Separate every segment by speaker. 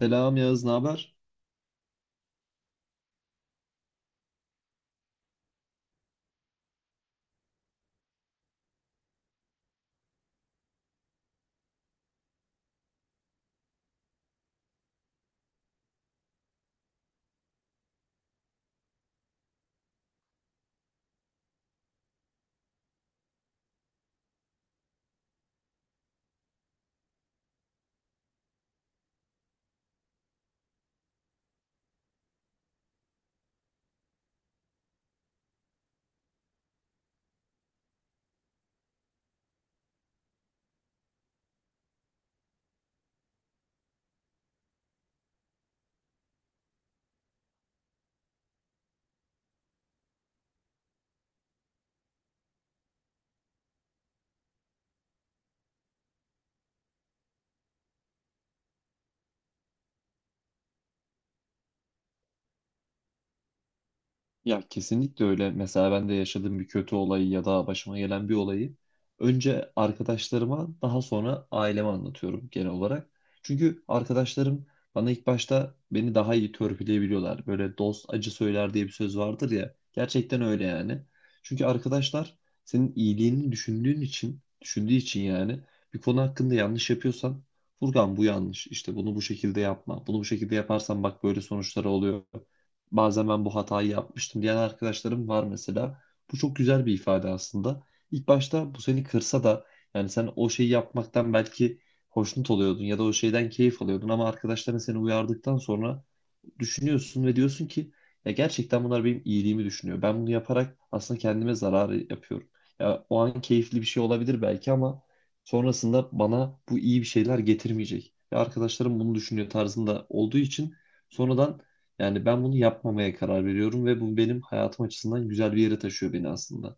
Speaker 1: Selam Yağız, ne haber? Ya, kesinlikle öyle. Mesela ben de yaşadığım bir kötü olayı ya da başıma gelen bir olayı önce arkadaşlarıma, daha sonra aileme anlatıyorum genel olarak. Çünkü arkadaşlarım bana ilk başta beni daha iyi törpüleyebiliyorlar. Böyle dost acı söyler diye bir söz vardır ya. Gerçekten öyle yani. Çünkü arkadaşlar senin iyiliğini düşündüğü için, yani bir konu hakkında yanlış yapıyorsan, Furkan bu yanlış. İşte bunu bu şekilde yapma. Bunu bu şekilde yaparsan bak böyle sonuçları oluyor. Bazen ben bu hatayı yapmıştım diyen arkadaşlarım var mesela. Bu çok güzel bir ifade aslında. İlk başta bu seni kırsa da, yani sen o şeyi yapmaktan belki hoşnut oluyordun ya da o şeyden keyif alıyordun, ama arkadaşların seni uyardıktan sonra düşünüyorsun ve diyorsun ki, ya gerçekten bunlar benim iyiliğimi düşünüyor. Ben bunu yaparak aslında kendime zarar yapıyorum. Ya, o an keyifli bir şey olabilir belki, ama sonrasında bana bu iyi bir şeyler getirmeyecek. Ya, arkadaşlarım bunu düşünüyor tarzında olduğu için sonradan, yani ben bunu yapmamaya karar veriyorum ve bu benim hayatım açısından güzel bir yere taşıyor beni aslında.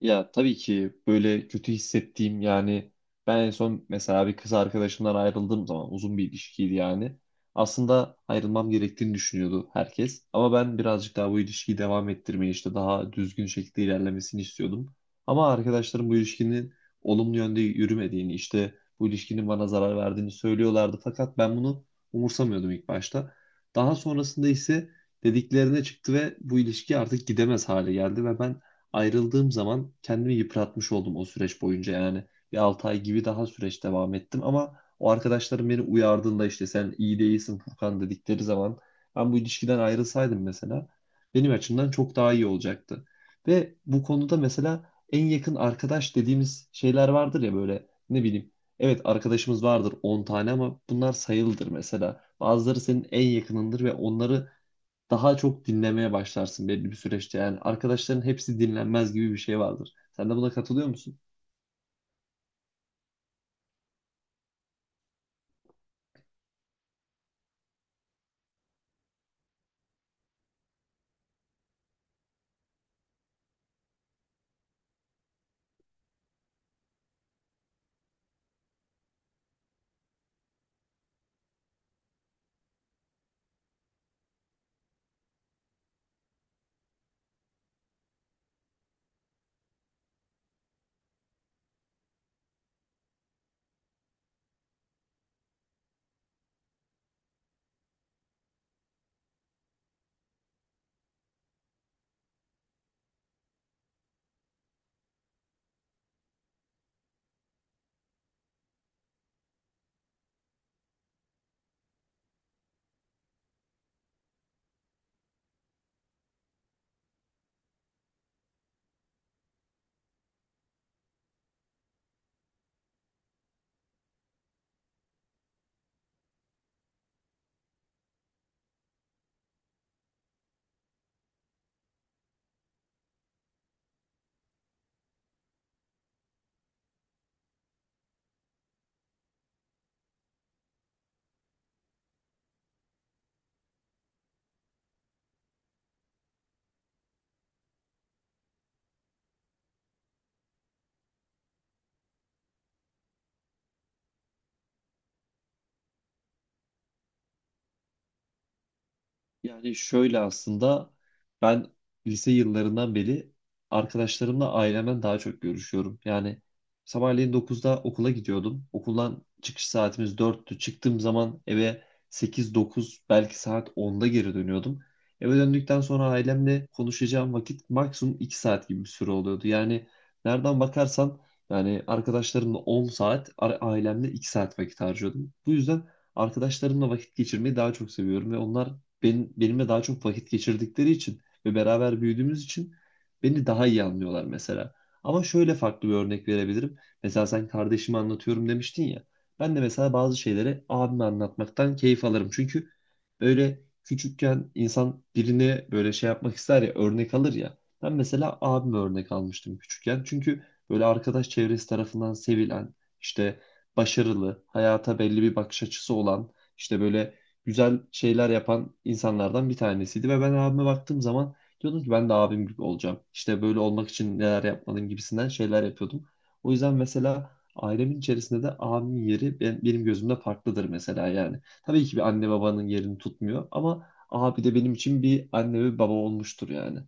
Speaker 1: Ya, tabii ki. Böyle kötü hissettiğim, yani ben en son mesela bir kız arkadaşımdan ayrıldığım zaman, uzun bir ilişkiydi yani. Aslında ayrılmam gerektiğini düşünüyordu herkes. Ama ben birazcık daha bu ilişkiyi devam ettirmeyi, işte daha düzgün şekilde ilerlemesini istiyordum. Ama arkadaşlarım bu ilişkinin olumlu yönde yürümediğini, işte bu ilişkinin bana zarar verdiğini söylüyorlardı. Fakat ben bunu umursamıyordum ilk başta. Daha sonrasında ise dediklerine çıktı ve bu ilişki artık gidemez hale geldi ve ben ayrıldığım zaman kendimi yıpratmış oldum o süreç boyunca yani. Bir 6 ay gibi daha süreç devam ettim, ama o arkadaşlarım beni uyardığında, işte sen iyi değilsin Furkan dedikleri zaman, ben bu ilişkiden ayrılsaydım mesela, benim açımdan çok daha iyi olacaktı. Ve bu konuda mesela en yakın arkadaş dediğimiz şeyler vardır ya, böyle ne bileyim. Evet, arkadaşımız vardır 10 tane, ama bunlar sayılıdır mesela. Bazıları senin en yakınındır ve onları daha çok dinlemeye başlarsın belli bir süreçte. Yani arkadaşların hepsi dinlenmez gibi bir şey vardır. Sen de buna katılıyor musun? Yani şöyle aslında, ben lise yıllarından beri arkadaşlarımla ailemden daha çok görüşüyorum. Yani sabahleyin 9'da okula gidiyordum. Okuldan çıkış saatimiz 4'tü. Çıktığım zaman eve 8-9, belki saat 10'da geri dönüyordum. Eve döndükten sonra ailemle konuşacağım vakit maksimum 2 saat gibi bir süre oluyordu. Yani nereden bakarsan, yani arkadaşlarımla 10 saat, ailemle 2 saat vakit harcıyordum. Bu yüzden arkadaşlarımla vakit geçirmeyi daha çok seviyorum ve onlar benimle daha çok vakit geçirdikleri için ve beraber büyüdüğümüz için beni daha iyi anlıyorlar mesela. Ama şöyle farklı bir örnek verebilirim. Mesela sen kardeşimi anlatıyorum demiştin ya. Ben de mesela bazı şeyleri abime anlatmaktan keyif alırım. Çünkü böyle küçükken insan birine böyle şey yapmak ister ya, örnek alır ya. Ben mesela abime örnek almıştım küçükken. Çünkü böyle arkadaş çevresi tarafından sevilen, işte başarılı, hayata belli bir bakış açısı olan, işte böyle güzel şeyler yapan insanlardan bir tanesiydi ve ben abime baktığım zaman diyordum ki ben de abim gibi olacağım. İşte böyle olmak için neler yapmalıyım gibisinden şeyler yapıyordum. O yüzden mesela ailemin içerisinde de abimin yeri benim gözümde farklıdır mesela yani. Tabii ki bir anne babanın yerini tutmuyor, ama abi de benim için bir anne ve baba olmuştur yani.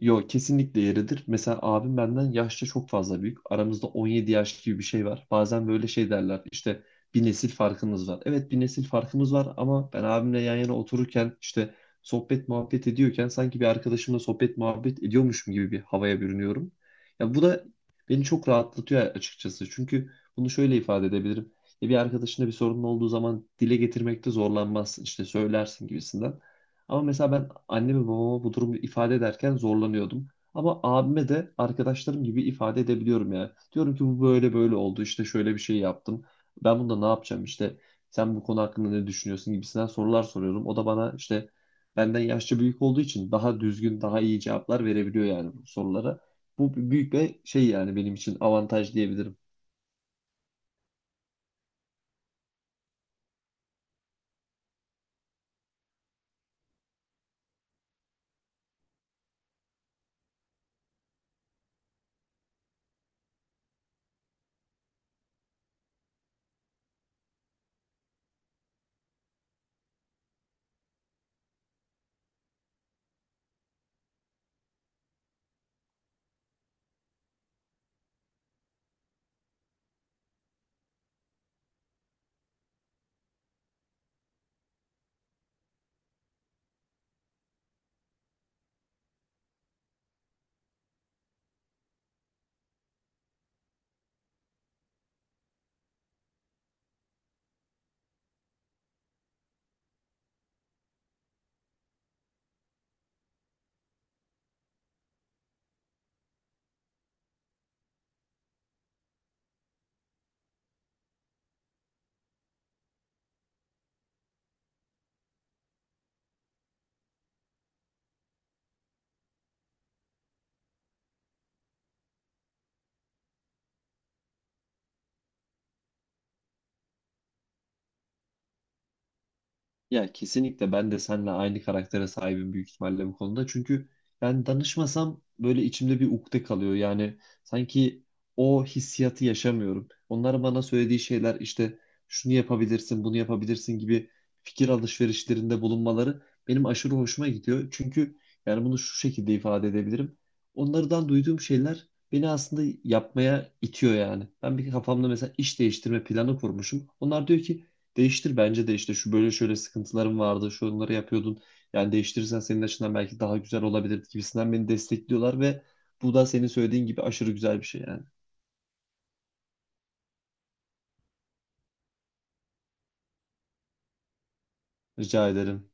Speaker 1: Yo, kesinlikle yeridir. Mesela abim benden yaşça çok fazla büyük. Aramızda 17 yaş gibi bir şey var. Bazen böyle şey derler, işte bir nesil farkımız var. Evet, bir nesil farkımız var, ama ben abimle yan yana otururken, işte sohbet muhabbet ediyorken sanki bir arkadaşımla sohbet muhabbet ediyormuşum gibi bir havaya bürünüyorum. Ya, bu da beni çok rahatlatıyor açıkçası. Çünkü bunu şöyle ifade edebilirim. Ya, bir arkadaşında bir sorunun olduğu zaman dile getirmekte zorlanmazsın. İşte söylersin gibisinden. Ama mesela ben anneme babama bu durumu ifade ederken zorlanıyordum. Ama abime de arkadaşlarım gibi ifade edebiliyorum yani. Diyorum ki bu böyle böyle oldu, işte şöyle bir şey yaptım. Ben bunda ne yapacağım, işte sen bu konu hakkında ne düşünüyorsun gibisinden sorular soruyorum. O da bana, işte benden yaşça büyük olduğu için, daha düzgün daha iyi cevaplar verebiliyor yani bu sorulara. Bu büyük bir şey yani, benim için avantaj diyebilirim. Ya, kesinlikle ben de seninle aynı karaktere sahibim, büyük ihtimalle bu konuda. Çünkü ben danışmasam böyle içimde bir ukde kalıyor. Yani sanki o hissiyatı yaşamıyorum. Onlar bana söylediği şeyler, işte şunu yapabilirsin, bunu yapabilirsin gibi fikir alışverişlerinde bulunmaları benim aşırı hoşuma gidiyor. Çünkü yani bunu şu şekilde ifade edebilirim. Onlardan duyduğum şeyler beni aslında yapmaya itiyor yani. Ben bir kafamda mesela iş değiştirme planı kurmuşum. Onlar diyor ki, değiştir bence de, işte şu böyle şöyle sıkıntılarım vardı, şu onları yapıyordun. Yani değiştirirsen senin açından belki daha güzel olabilir gibisinden beni destekliyorlar ve bu da senin söylediğin gibi aşırı güzel bir şey yani. Rica ederim.